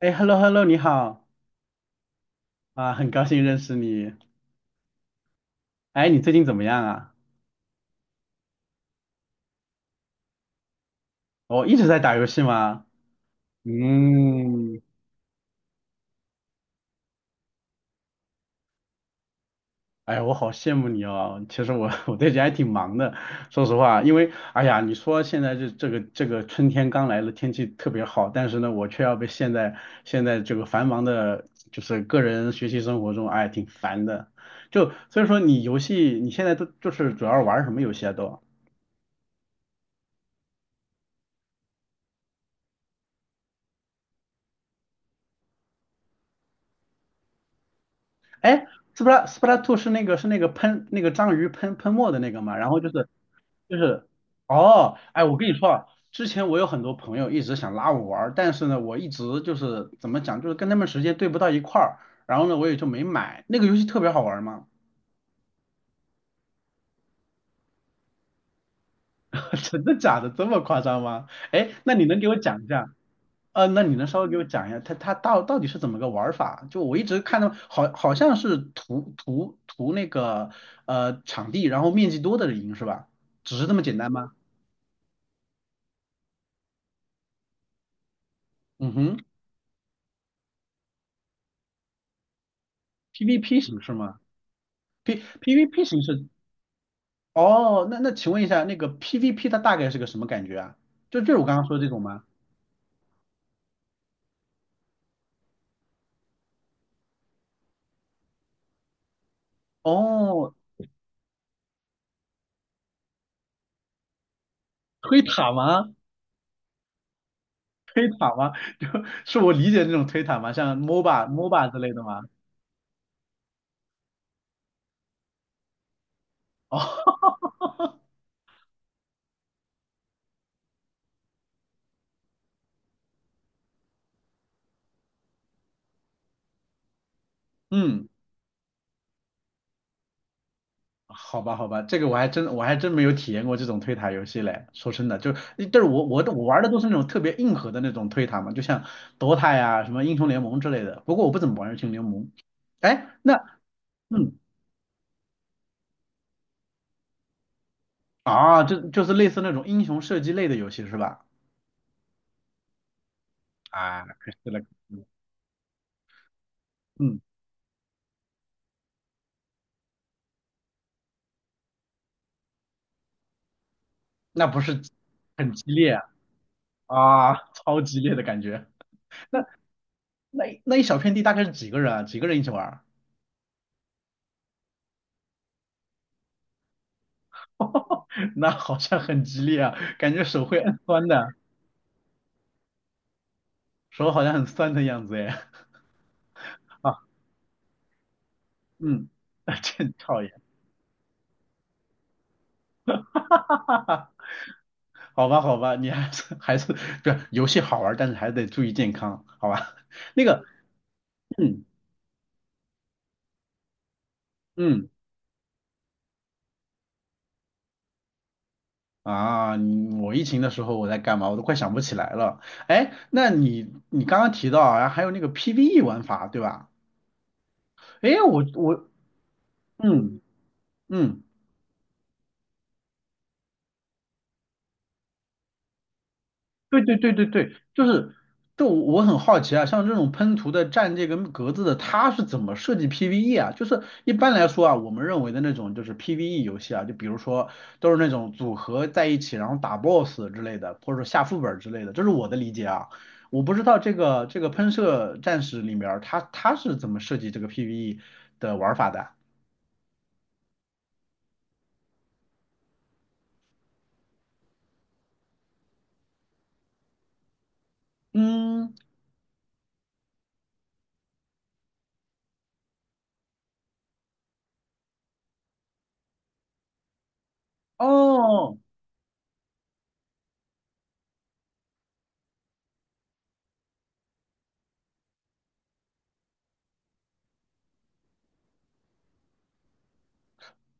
哎，hello hello，你好啊，很高兴认识你。哎，你最近怎么样啊？我一直在打游戏吗？嗯，哎，我好羡慕你哦。其实我 我最近还挺忙的，说实话，因为哎呀，你说现在这个春天刚来了，天气特别好，但是呢，我却要被陷在现在这个繁忙的，就是个人学习生活中，哎，挺烦的。就所以说，你游戏你现在都就是主要玩什么游戏啊都？哎 s s p t 斯普拉斯 Two 是那个喷那个章鱼喷喷墨的那个嘛？然后就是哦，哎，我跟你说啊，之前我有很多朋友一直想拉我玩儿但是呢，我一直就是怎么讲，就是跟他们时间对不到一块儿，然后呢，我也就没买。那个游戏特别好玩儿吗？真的假的？这么夸张吗？哎，那你能给我讲一下？那你能稍微给我讲一下，它到底是怎么个玩法？就我一直看到好像是图那个场地，然后面积多的人赢是吧？只是这么简单吗？嗯哼，PVP 形式吗？P PVP 形式？哦，那请问一下，那个 PVP 它大概是个什么感觉啊？就是我刚刚说的这种吗？哦，推塔吗？推塔吗？就是我理解的那种推塔吗？像 MOBA MOBA 之类的吗？哦，嗯。好吧，好吧，这个我还真没有体验过这种推塔游戏嘞。说真的，就但是我玩的都是那种特别硬核的那种推塔嘛，就像 DOTA 呀、什么英雄联盟之类的。不过我不怎么玩英雄联盟。哎，那嗯啊，就是类似那种英雄射击类的游戏是吧？啊，可惜了，可惜了嗯，那不是很激烈啊，啊超激烈的感觉。那那一小片地大概是几个人啊？几个人一起玩儿？那好像很激烈啊，感觉手会摁酸的。手好像很酸的样子哎。啊，嗯，真讨厌。好吧，好吧，你还是不是游戏好玩，但是还得注意健康，好吧？那个，嗯嗯啊，我疫情的时候我在干嘛？我都快想不起来了。哎，那你刚刚提到啊，还有那个 PVE 玩法，对吧？哎，我嗯嗯。对对对对对，就是我很好奇啊，像这种喷涂的蘸这个格子的，它是怎么设计 PVE 啊？就是一般来说啊，我们认为的那种就是 PVE 游戏啊，就比如说都是那种组合在一起，然后打 BOSS 之类的，或者说下副本之类的，这是我的理解啊。我不知道这个喷射战士里面儿它是怎么设计这个 PVE 的玩法的啊？嗯，哦，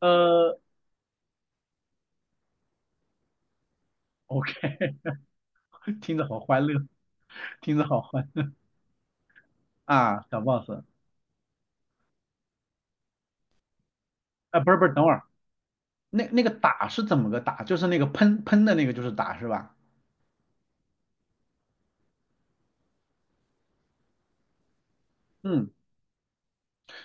呃，OK，听着好欢乐，听着好欢乐啊，小 boss。啊，不是不是，等会儿，那个打是怎么个打？就是那个喷喷的那个就是打是吧？嗯，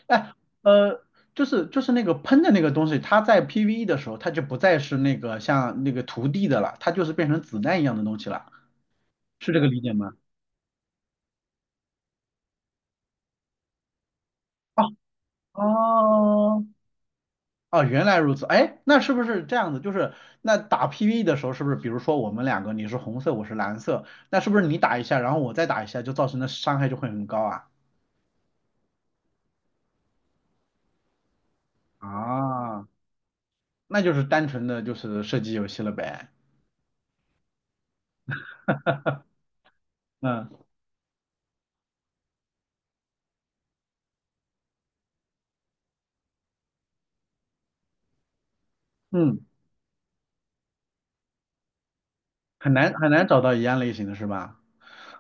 哎，呃，就是那个喷的那个东西，它在 PVE 的时候，它就不再是那个像那个涂地的了，它就是变成子弹一样的东西了，是这个理解吗？哦哦哦，原来如此，哎，那是不是这样子？就是那打 PVE 的时候，是不是比如说我们两个你是红色，我是蓝色，那是不是你打一下，然后我再打一下，就造成的伤害就会很高啊？啊。那就是单纯的就是射击游戏了呗。嗯嗯，很难很难找到一样类型的是吧？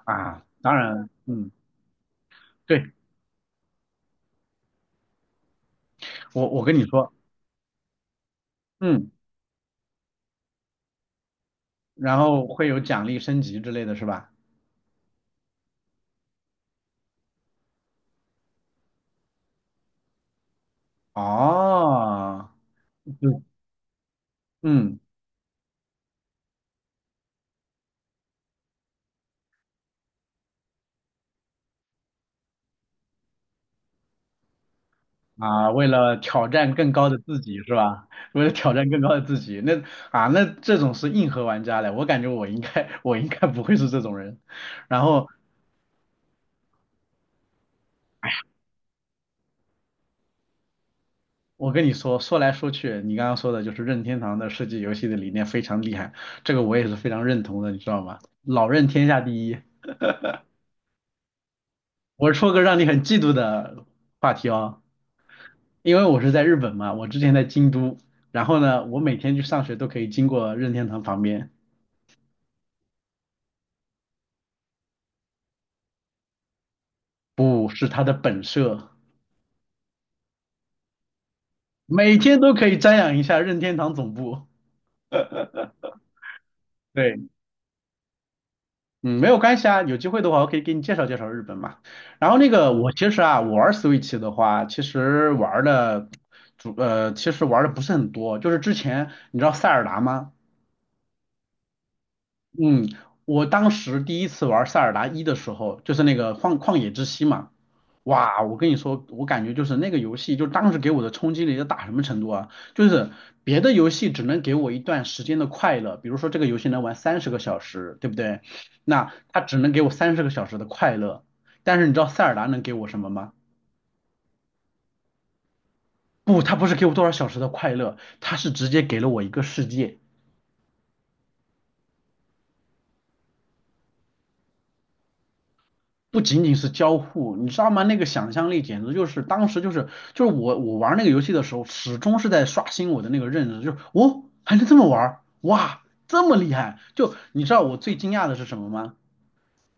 啊，当然，嗯，对，我跟你说，嗯，然后会有奖励升级之类的是吧？哦，对，嗯啊，为了挑战更高的自己是吧？为了挑战更高的自己，那这种是硬核玩家嘞，我感觉我应该 我应该不会是这种人。然后我跟你说，说来说去，你刚刚说的就是任天堂的设计游戏的理念非常厉害，这个我也是非常认同的，你知道吗？老任天下第一。我说个让你很嫉妒的话题哦，因为我是在日本嘛，我之前在京都，然后呢，我每天去上学都可以经过任天堂旁边，不是它的本社，每天都可以瞻仰一下任天堂总部。对。嗯，没有关系啊，有机会的话我可以给你介绍介绍日本嘛。然后那个我其实啊，我玩 Switch 的话，其实玩的其实玩的不是很多。就是之前你知道塞尔达吗？嗯，我当时第一次玩塞尔达一的时候，就是那个旷野之息嘛，哇，我跟你说，我感觉就是那个游戏，就当时给我的冲击力要大什么程度啊？就是别的游戏只能给我一段时间的快乐，比如说这个游戏能玩三十个小时，对不对？那它只能给我三十个小时的快乐，但是你知道塞尔达能给我什么吗？不，它不是给我多少小时的快乐，它是直接给了我一个世界。不仅仅是交互，你知道吗？那个想象力简直就是当时就是我玩那个游戏的时候，始终是在刷新我的那个认知，就是哦还能这么玩儿哇这么厉害！就你知道我最惊讶的是什么吗？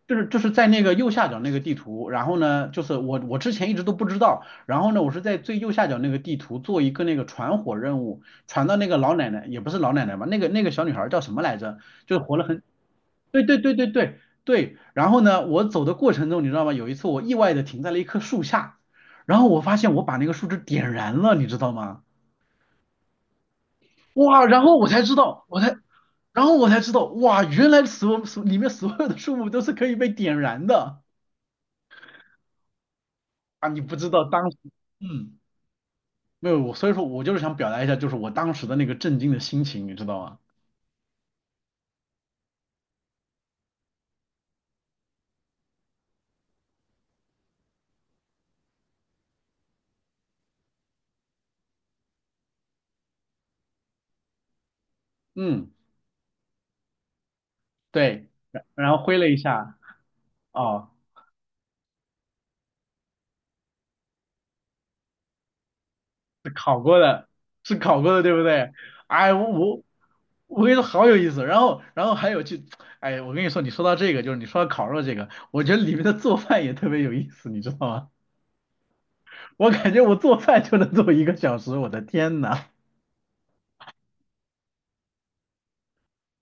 就是在那个右下角那个地图，然后呢，就是我之前一直都不知道，然后呢，我是在最右下角那个地图做一个那个传火任务，传到那个老奶奶也不是老奶奶吧，那个小女孩叫什么来着？就是活了很对对对对对对，然后呢，我走的过程中，你知道吗？有一次我意外的停在了一棵树下，然后我发现我把那个树枝点燃了，你知道吗？哇，然后我才知道，然后我才知道，哇，原来所里面所有的树木都是可以被点燃的啊！你不知道当时，嗯，没有我，所以说我就是想表达一下，就是我当时的那个震惊的心情，你知道吗？嗯，对，然后挥了一下，哦。是考过的，是考过的，对不对？哎，我跟你说好有意思，然后还有去，哎，我跟你说，你说到这个，就是你说到烤肉这个，我觉得里面的做饭也特别有意思，你知道吗？我感觉我做饭就能做1个小时，我的天呐！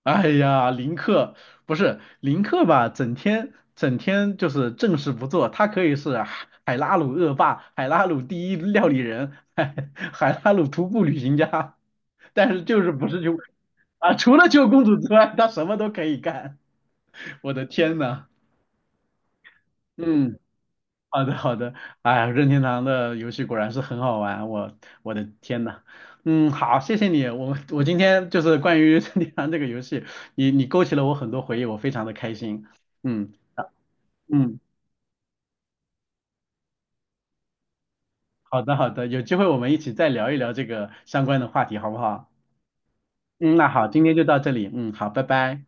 哎呀，林克不是林克吧？整天整天就是正事不做，他可以是海拉鲁恶霸、海拉鲁第一料理人、海拉鲁徒步旅行家，但是就是不是去 啊，除了救公主之外，他什么都可以干。我的天呐，嗯，好的好的，哎呀任天堂的游戏果然是很好玩，我的天呐，嗯，好，谢谢你，我今天就是关于 任天堂这个游戏，你勾起了我很多回忆，我非常的开心。嗯嗯，好的好的，有机会我们一起再聊一聊这个相关的话题，好不好？嗯，那好，今天就到这里，嗯，好，拜拜。